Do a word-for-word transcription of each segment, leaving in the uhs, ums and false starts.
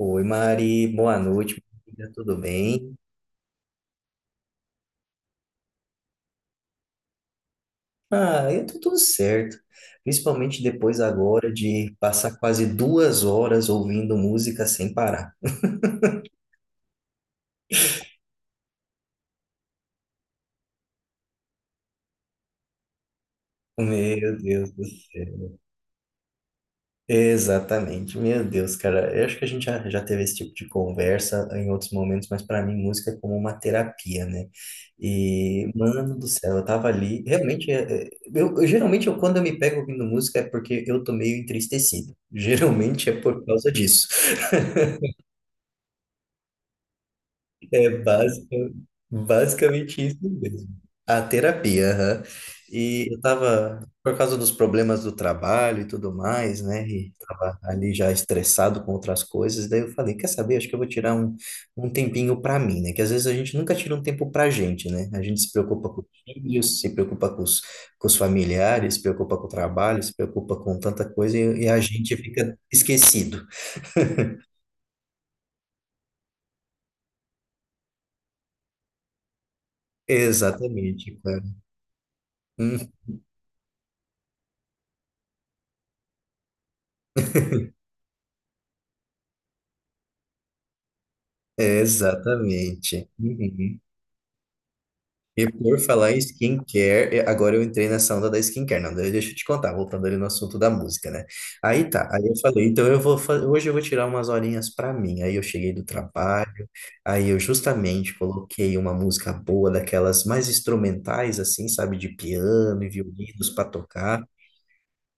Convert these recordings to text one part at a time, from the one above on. Oi, Mari, boa noite, amiga, tudo bem? Ah, eu tô tudo certo, principalmente depois agora de passar quase duas horas ouvindo música sem parar. Meu Deus do céu. Exatamente, meu Deus, cara. Eu acho que a gente já, já teve esse tipo de conversa em outros momentos, mas para mim música é como uma terapia, né? E, mano do céu, eu tava ali. Realmente, é- é- eu, eu- geralmente eu, quando eu me pego ouvindo música é porque eu tô meio entristecido. Geralmente é por causa disso. É basica- basicamente isso mesmo. A terapia, aham. E eu tava, por causa dos problemas do trabalho e tudo mais, né? E tava ali já estressado com outras coisas, daí eu falei, quer saber? Acho que eu vou tirar um, um tempinho pra mim, né? Que às vezes a gente nunca tira um tempo pra gente, né? A gente se preocupa com os filhos, se preocupa com os, com os familiares, se preocupa com o trabalho, se preocupa com tanta coisa e, e a gente fica esquecido. Exatamente, cara. É, exatamente. Uhum. E por falar em skincare, eh, agora eu entrei nessa onda da skincare. Não, daí deixa eu te contar, voltando ali no assunto da música, né? Aí tá, aí eu falei, então eu vou fa- hoje eu vou tirar umas horinhas pra mim. Aí eu cheguei do trabalho, aí eu justamente coloquei uma música boa, daquelas mais instrumentais, assim, sabe, de piano e violinos pra tocar.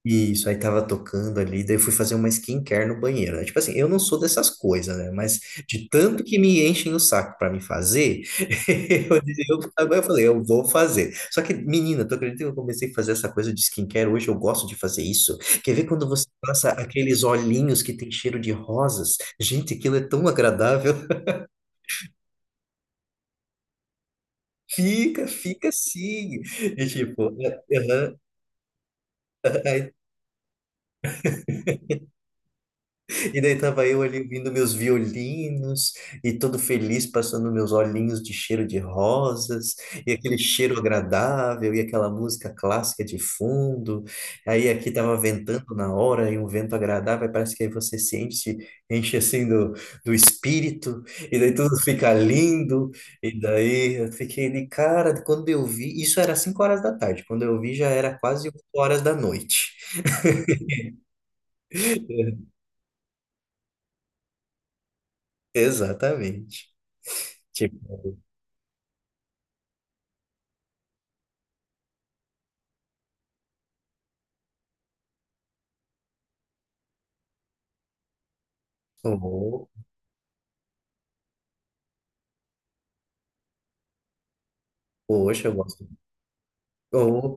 Isso, aí tava tocando ali, daí eu fui fazer uma skincare no banheiro, né? Tipo assim, eu não sou dessas coisas, né? Mas de tanto que me enchem o saco pra me fazer, eu, eu, agora eu falei, eu vou fazer. Só que, menina, tu acredita que eu comecei a fazer essa coisa de skincare? Hoje eu gosto de fazer isso. Quer ver quando você passa aqueles olhinhos que tem cheiro de rosas? Gente, aquilo é tão agradável. Fica, fica assim. E tipo, é, aham. E daí tava eu ali ouvindo meus violinos e todo feliz passando meus olhinhos de cheiro de rosas e aquele cheiro agradável e aquela música clássica de fundo. Aí aqui tava ventando na hora e um vento agradável, parece que aí você se enche, enche assim do, do espírito e daí tudo fica lindo. E daí eu fiquei de cara, quando eu vi, isso era cinco horas da tarde, quando eu vi já era quase oito horas da noite. Exatamente. Tipo, um poxa, eu gosto. Ou,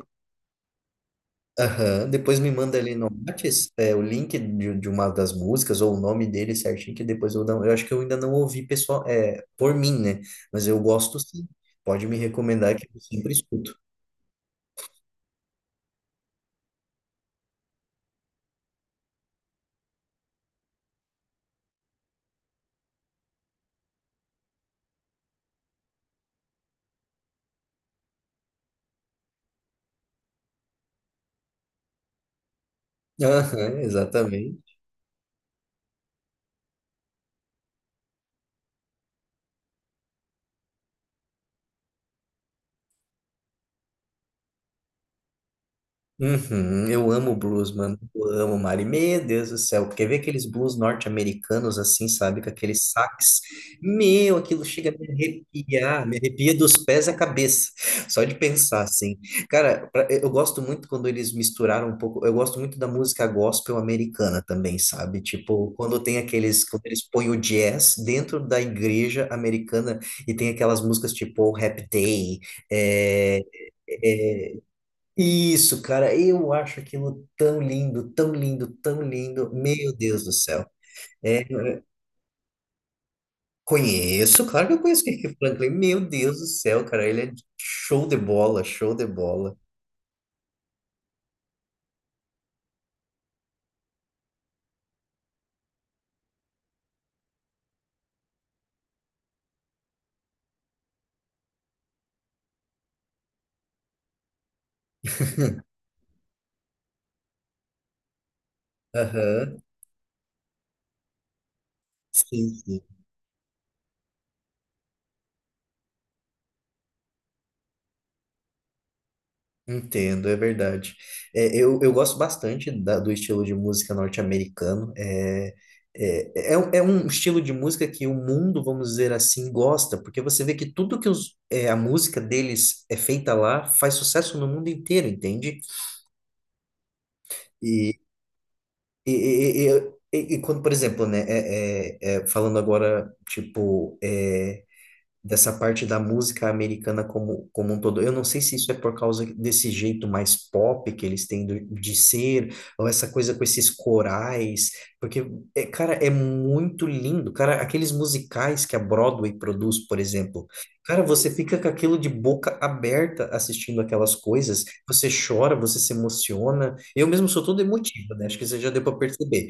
aham, depois me manda ali no Whats, é, o link de, de uma das músicas ou o nome dele certinho, que depois eu não. Eu acho que eu ainda não ouvi pessoal, é, por mim, né? Mas eu gosto sim. Pode me recomendar que eu sempre escuto. Aham, exatamente. Uhum, eu amo blues, mano. Eu amo, Mari. Meu Deus do céu. Porque ver aqueles blues norte-americanos assim, sabe? Com aqueles sax. Meu, aquilo chega a me arrepiar. Me arrepia dos pés à cabeça. Só de pensar, assim. Cara, pra- eu gosto muito quando eles misturaram um pouco. Eu gosto muito da música gospel americana também, sabe? Tipo, quando tem aqueles. quando eles põem o jazz dentro da igreja americana e tem aquelas músicas tipo Happy Day. É, isso, cara, eu acho aquilo tão lindo, tão lindo, tão lindo. Meu Deus do céu. É, é, Conheço, claro que eu conheço o Kirk Franklin. Meu Deus do céu, cara, ele é show de bola, show de bola. Aham. Sim, sim. Entendo, é verdade. É, eu, eu gosto bastante da- do estilo de música norte-americano. É, é, é, é um é um estilo de música que o mundo, vamos dizer assim, gosta, porque você vê que tudo que os, é, a música deles é feita lá faz sucesso no mundo inteiro, entende? E, e, e, e, e- e quando, por exemplo, né, é, é, é, falando agora, tipo, é, dessa parte da música americana como, como um todo. Eu não sei se isso é por causa desse jeito mais pop que eles têm do- de ser, ou essa coisa com esses corais, porque, é, cara, é muito lindo. Cara, aqueles musicais que a Broadway produz, por exemplo. Cara, você fica com aquilo de boca aberta assistindo aquelas coisas, você chora, você se emociona. Eu mesmo sou todo emotivo, né? Acho que você já deu para perceber.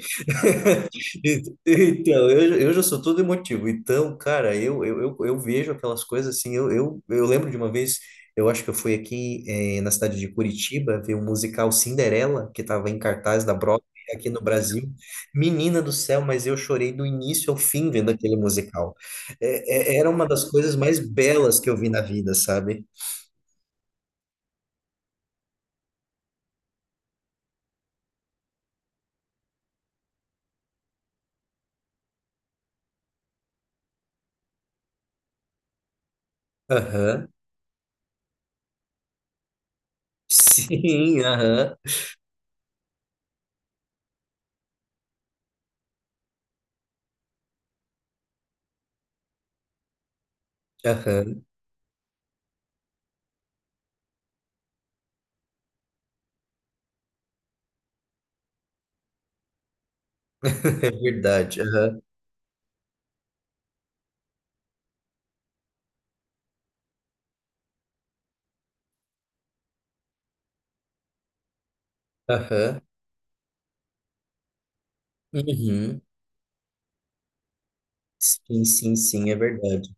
E- Então, eu, eu já sou todo emotivo. Então, cara, eu, eu, eu, eu vejo aquelas coisas assim. Eu, eu, eu lembro de uma vez, eu acho que eu fui aqui eh, na cidade de Curitiba ver o musical Cinderela, que estava em cartaz da Broadway aqui no Brasil. Menina do céu, mas eu chorei do início ao fim vendo aquele musical. É- é- era uma das coisas mais belas que eu vi na vida, sabe? Aham. Sim, aham. Aham. É verdade. Aham. Aham. Uhum. Sim, sim, sim, é verdade.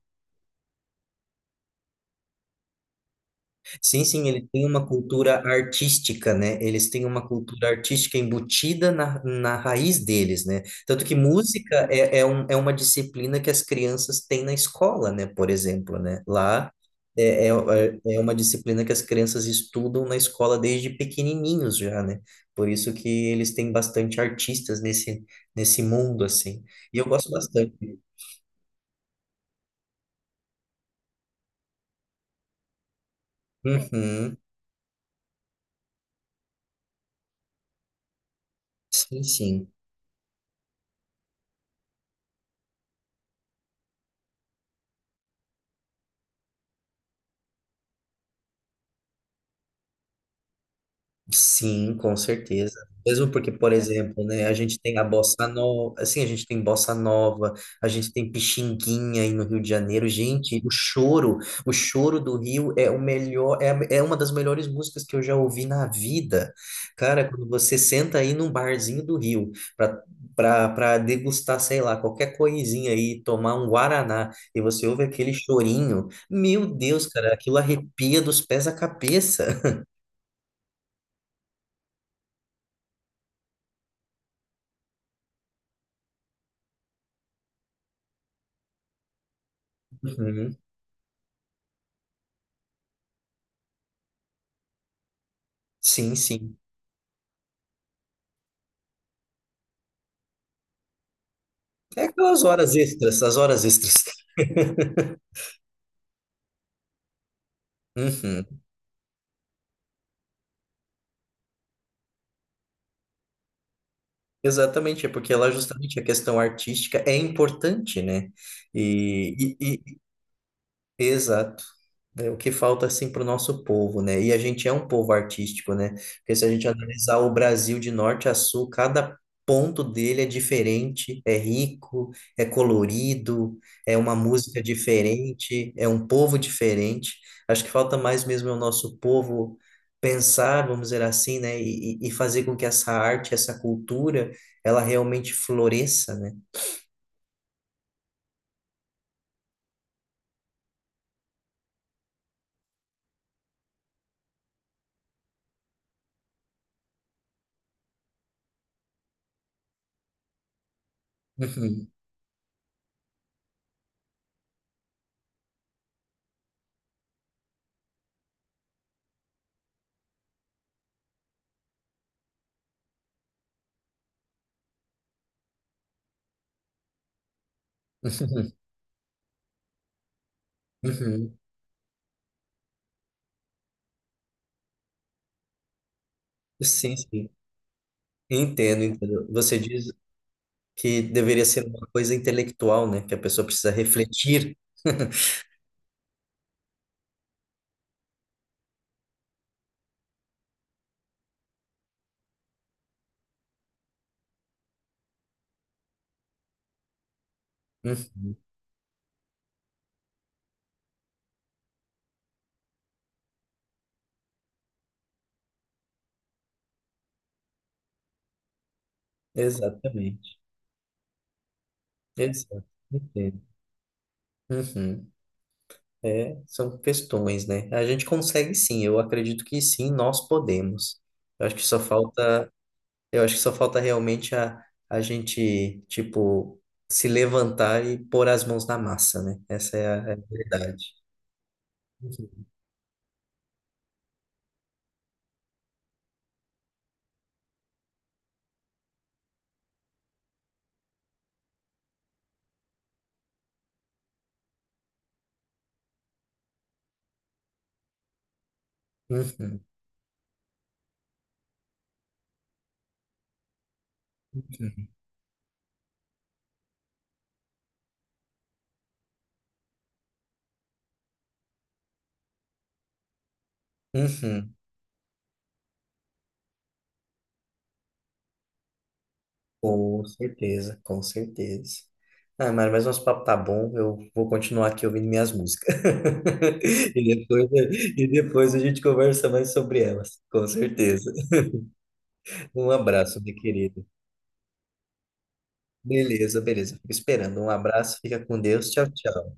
Sim, sim, ele tem uma cultura artística, né? Eles têm uma cultura artística embutida na, na raiz deles, né? Tanto que música é, é, um, é uma disciplina que as crianças têm na escola, né? Por exemplo, né? Lá é, é, é é uma disciplina que as crianças estudam na escola desde pequenininhos já, né? Por isso que eles têm bastante artistas nesse, nesse mundo, assim. E eu gosto bastante. Uhum. Sim, sim. Sim, com certeza. Mesmo porque, por exemplo, né, a gente tem a bossa nova, assim, a gente tem bossa nova, a gente tem pichinguinha aí no Rio de Janeiro. Gente, o choro, o choro do Rio é o melhor, é, a- é uma das melhores músicas que eu já ouvi na vida. Cara, quando você senta aí num barzinho do Rio para para para degustar, sei lá, qualquer coisinha aí, tomar um guaraná e você ouve aquele chorinho, meu Deus, cara, aquilo arrepia dos pés à cabeça. Uhum. Sim, sim. É aquelas horas extras, as horas extras. Uhum. Exatamente, é porque lá justamente a questão artística é importante, né? E, e- e- exato. É o que falta assim para o nosso povo, né? E a gente é um povo artístico, né? Porque se a gente analisar o Brasil de norte a sul, cada ponto dele é diferente, é rico, é colorido, é uma música diferente, é um povo diferente. Acho que falta mais mesmo é o nosso povo pensar, vamos dizer assim, né? E, e e fazer com que essa arte, essa cultura, ela realmente floresça, né? Uhum. Uhum. Sim, sim. Entendo, entendo. Você diz que deveria ser uma coisa intelectual, né? Que a pessoa precisa refletir. Uhum, exatamente. Exato. Entendo. Uhum. É, são questões, né? A gente consegue sim, eu acredito que sim, nós podemos. Eu acho que só falta, eu acho que só falta realmente a, a gente, tipo, se levantar e pôr as mãos na massa, né? Essa é a, é a verdade. Uhum. Uhum. Uhum. Com certeza, com certeza. Ah, Mário, mas nosso papo tá bom. Eu vou continuar aqui ouvindo minhas músicas. E depois, e depois a gente conversa mais sobre elas, com certeza. Um abraço, meu querido. Beleza, beleza. Fico esperando. Um abraço, fica com Deus. Tchau, tchau.